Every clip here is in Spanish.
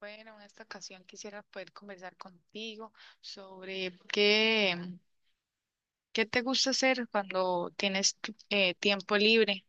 Bueno, en esta ocasión quisiera poder conversar contigo sobre qué te gusta hacer cuando tienes tiempo libre.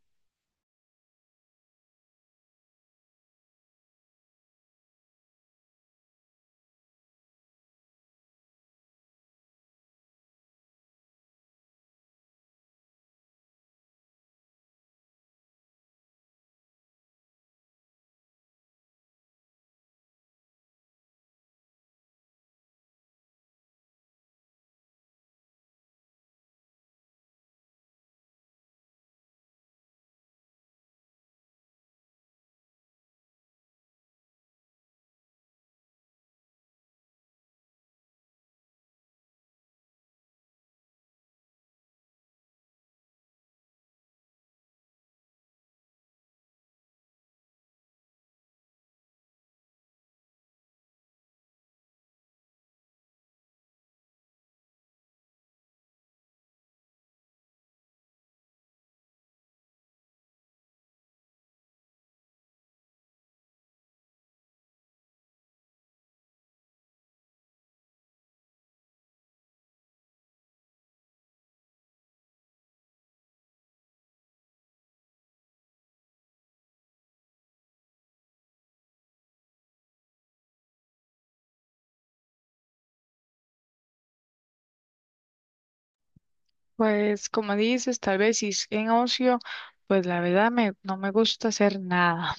Pues como dices, tal vez si es en ocio, pues la verdad no me gusta hacer nada.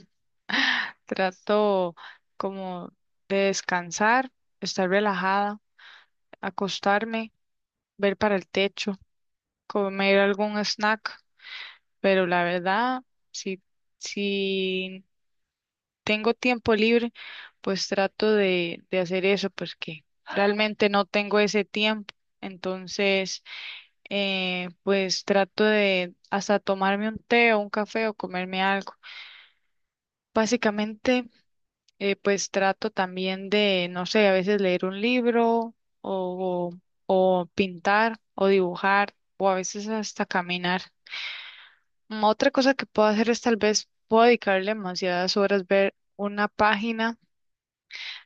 Trato como de descansar, estar relajada, acostarme, ver para el techo, comer algún snack, pero la verdad, si, si tengo tiempo libre, pues trato de hacer eso, porque realmente no tengo ese tiempo. Entonces, pues trato de hasta tomarme un té o un café o comerme algo. Básicamente, pues trato también de, no sé, a veces leer un libro o, o pintar o dibujar o a veces hasta caminar. Otra cosa que puedo hacer es tal vez puedo dedicarle demasiadas horas ver una página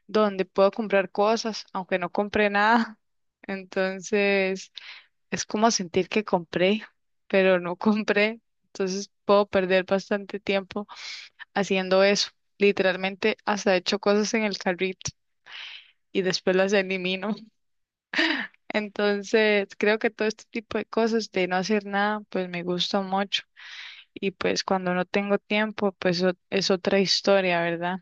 donde puedo comprar cosas, aunque no compré nada. Entonces, es como sentir que compré, pero no compré. Entonces, puedo perder bastante tiempo haciendo eso. Literalmente, hasta he hecho cosas en el carrito y después las elimino. Entonces, creo que todo este tipo de cosas de no hacer nada, pues me gusta mucho. Y pues cuando no tengo tiempo, pues es otra historia, ¿verdad?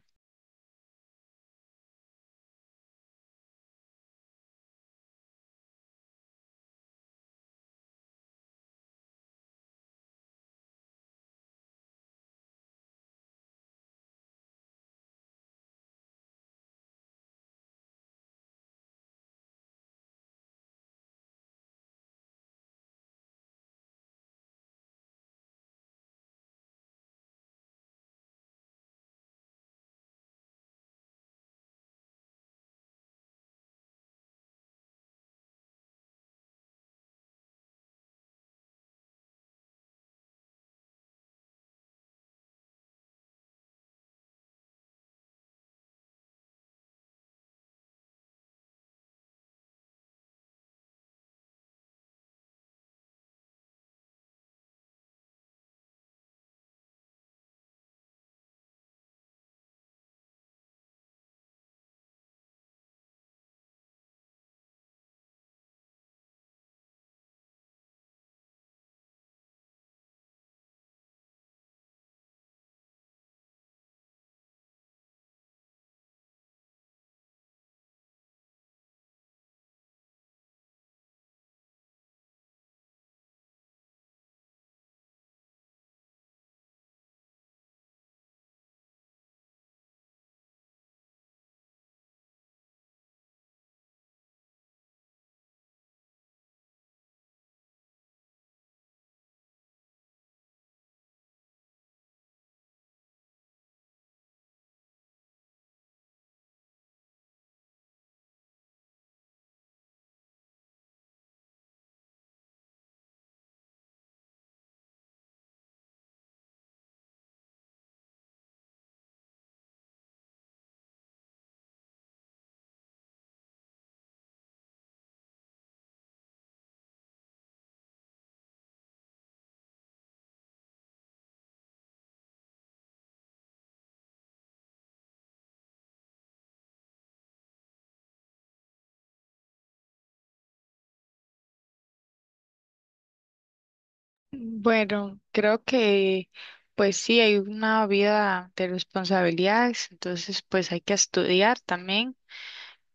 Bueno, creo que pues sí, hay una vida de responsabilidades, entonces pues hay que estudiar también.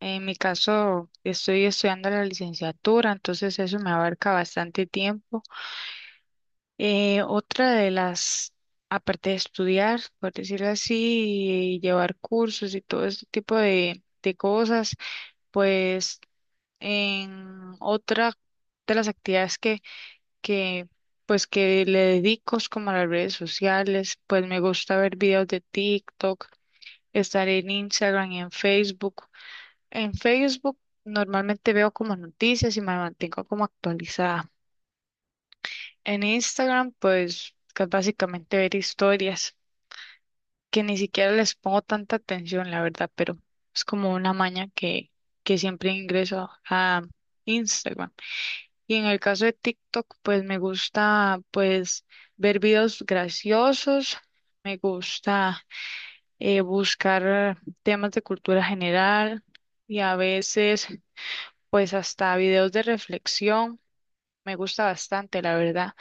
En mi caso, estoy estudiando la licenciatura, entonces eso me abarca bastante tiempo. Otra de aparte de estudiar, por decirlo así, y llevar cursos y todo este tipo de cosas, pues en otra de las actividades que pues que le dedico es como a las redes sociales, pues me gusta ver videos de TikTok, estar en Instagram y en Facebook. En Facebook normalmente veo como noticias y me mantengo como actualizada. En Instagram pues que es básicamente ver historias que ni siquiera les pongo tanta atención, la verdad, pero es como una maña que siempre ingreso a Instagram. Y en el caso de TikTok, pues me gusta pues ver videos graciosos, me gusta buscar temas de cultura general y a veces pues hasta videos de reflexión. Me gusta bastante, la verdad.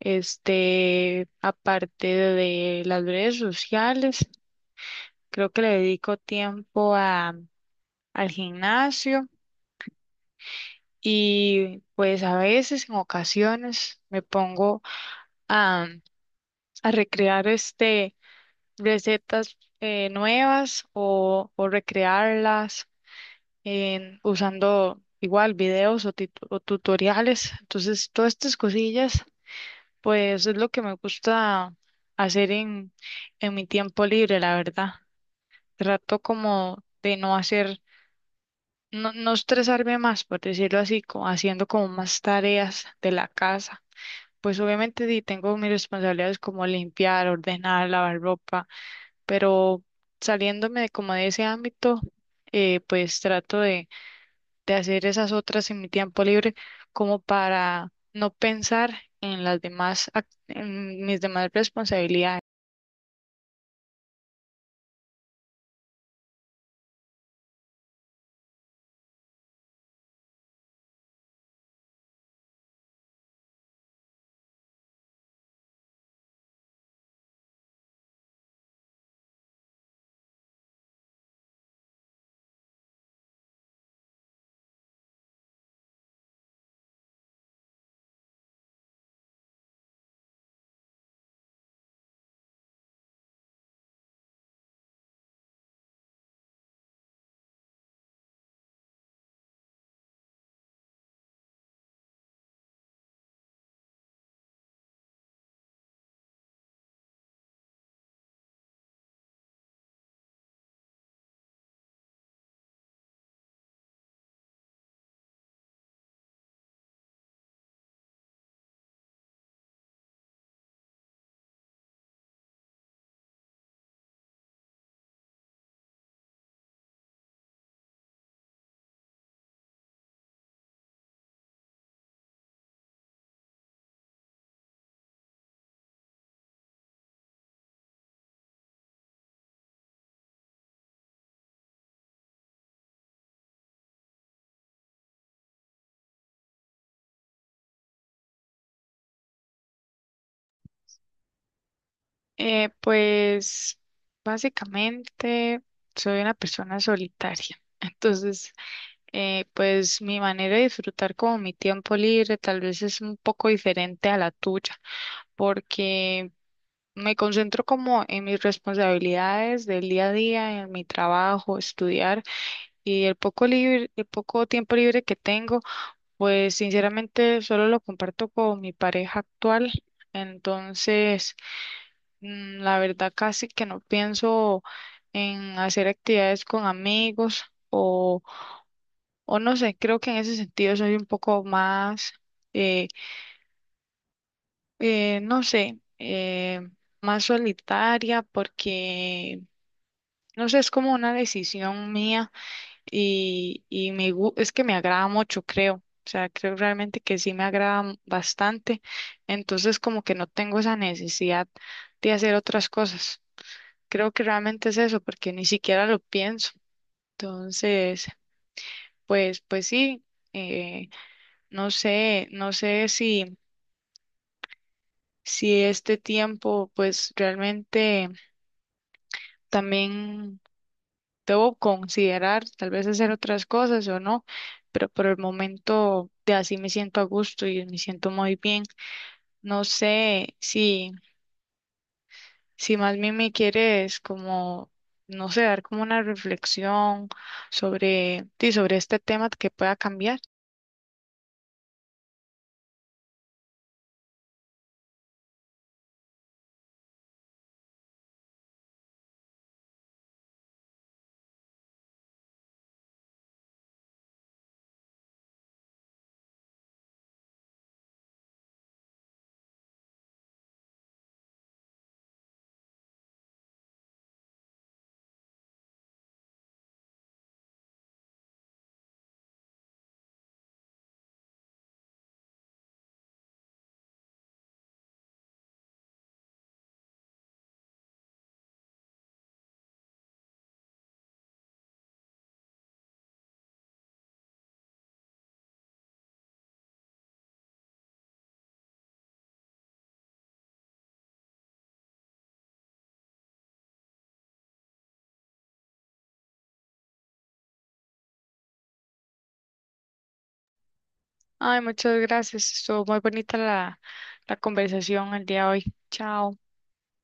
Este, aparte de las redes sociales, creo que le dedico tiempo al gimnasio y pues a veces, en ocasiones, me pongo a recrear este recetas nuevas o recrearlas usando igual videos o, o tutoriales. Entonces, todas estas cosillas, pues es lo que me gusta hacer en mi tiempo libre, la verdad. Trato como de no no estresarme más, por decirlo así, como haciendo como más tareas de la casa. Pues obviamente sí, tengo mis responsabilidades como limpiar, ordenar, lavar ropa, pero saliéndome de como de ese ámbito, pues trato de hacer esas otras en mi tiempo libre como para no pensar en las demás, en mis demás responsabilidades. Pues básicamente soy una persona solitaria. Entonces, pues mi manera de disfrutar como mi tiempo libre tal vez es un poco diferente a la tuya, porque me concentro como en mis responsabilidades del día a día, en mi trabajo, estudiar y el poco el poco tiempo libre que tengo, pues sinceramente solo lo comparto con mi pareja actual. Entonces, la verdad casi que no pienso en hacer actividades con amigos o, o no sé, creo que en ese sentido soy un poco eh, no sé, más solitaria porque no sé, es como una decisión mía y es que me agrada mucho, creo. O sea, creo realmente que sí me agrada bastante. Entonces, como que no tengo esa necesidad de hacer otras cosas. Creo que realmente es eso, porque ni siquiera lo pienso. Entonces, pues sí, eh, no sé, no sé si este tiempo, pues realmente también debo considerar, tal vez hacer otras cosas o no, pero por el momento de así me siento a gusto y me siento muy bien. No sé si más bien me quieres no sé, dar como una reflexión sí, sobre este tema que pueda cambiar. Ay, muchas gracias. Estuvo muy bonita la conversación el día de hoy. Chao.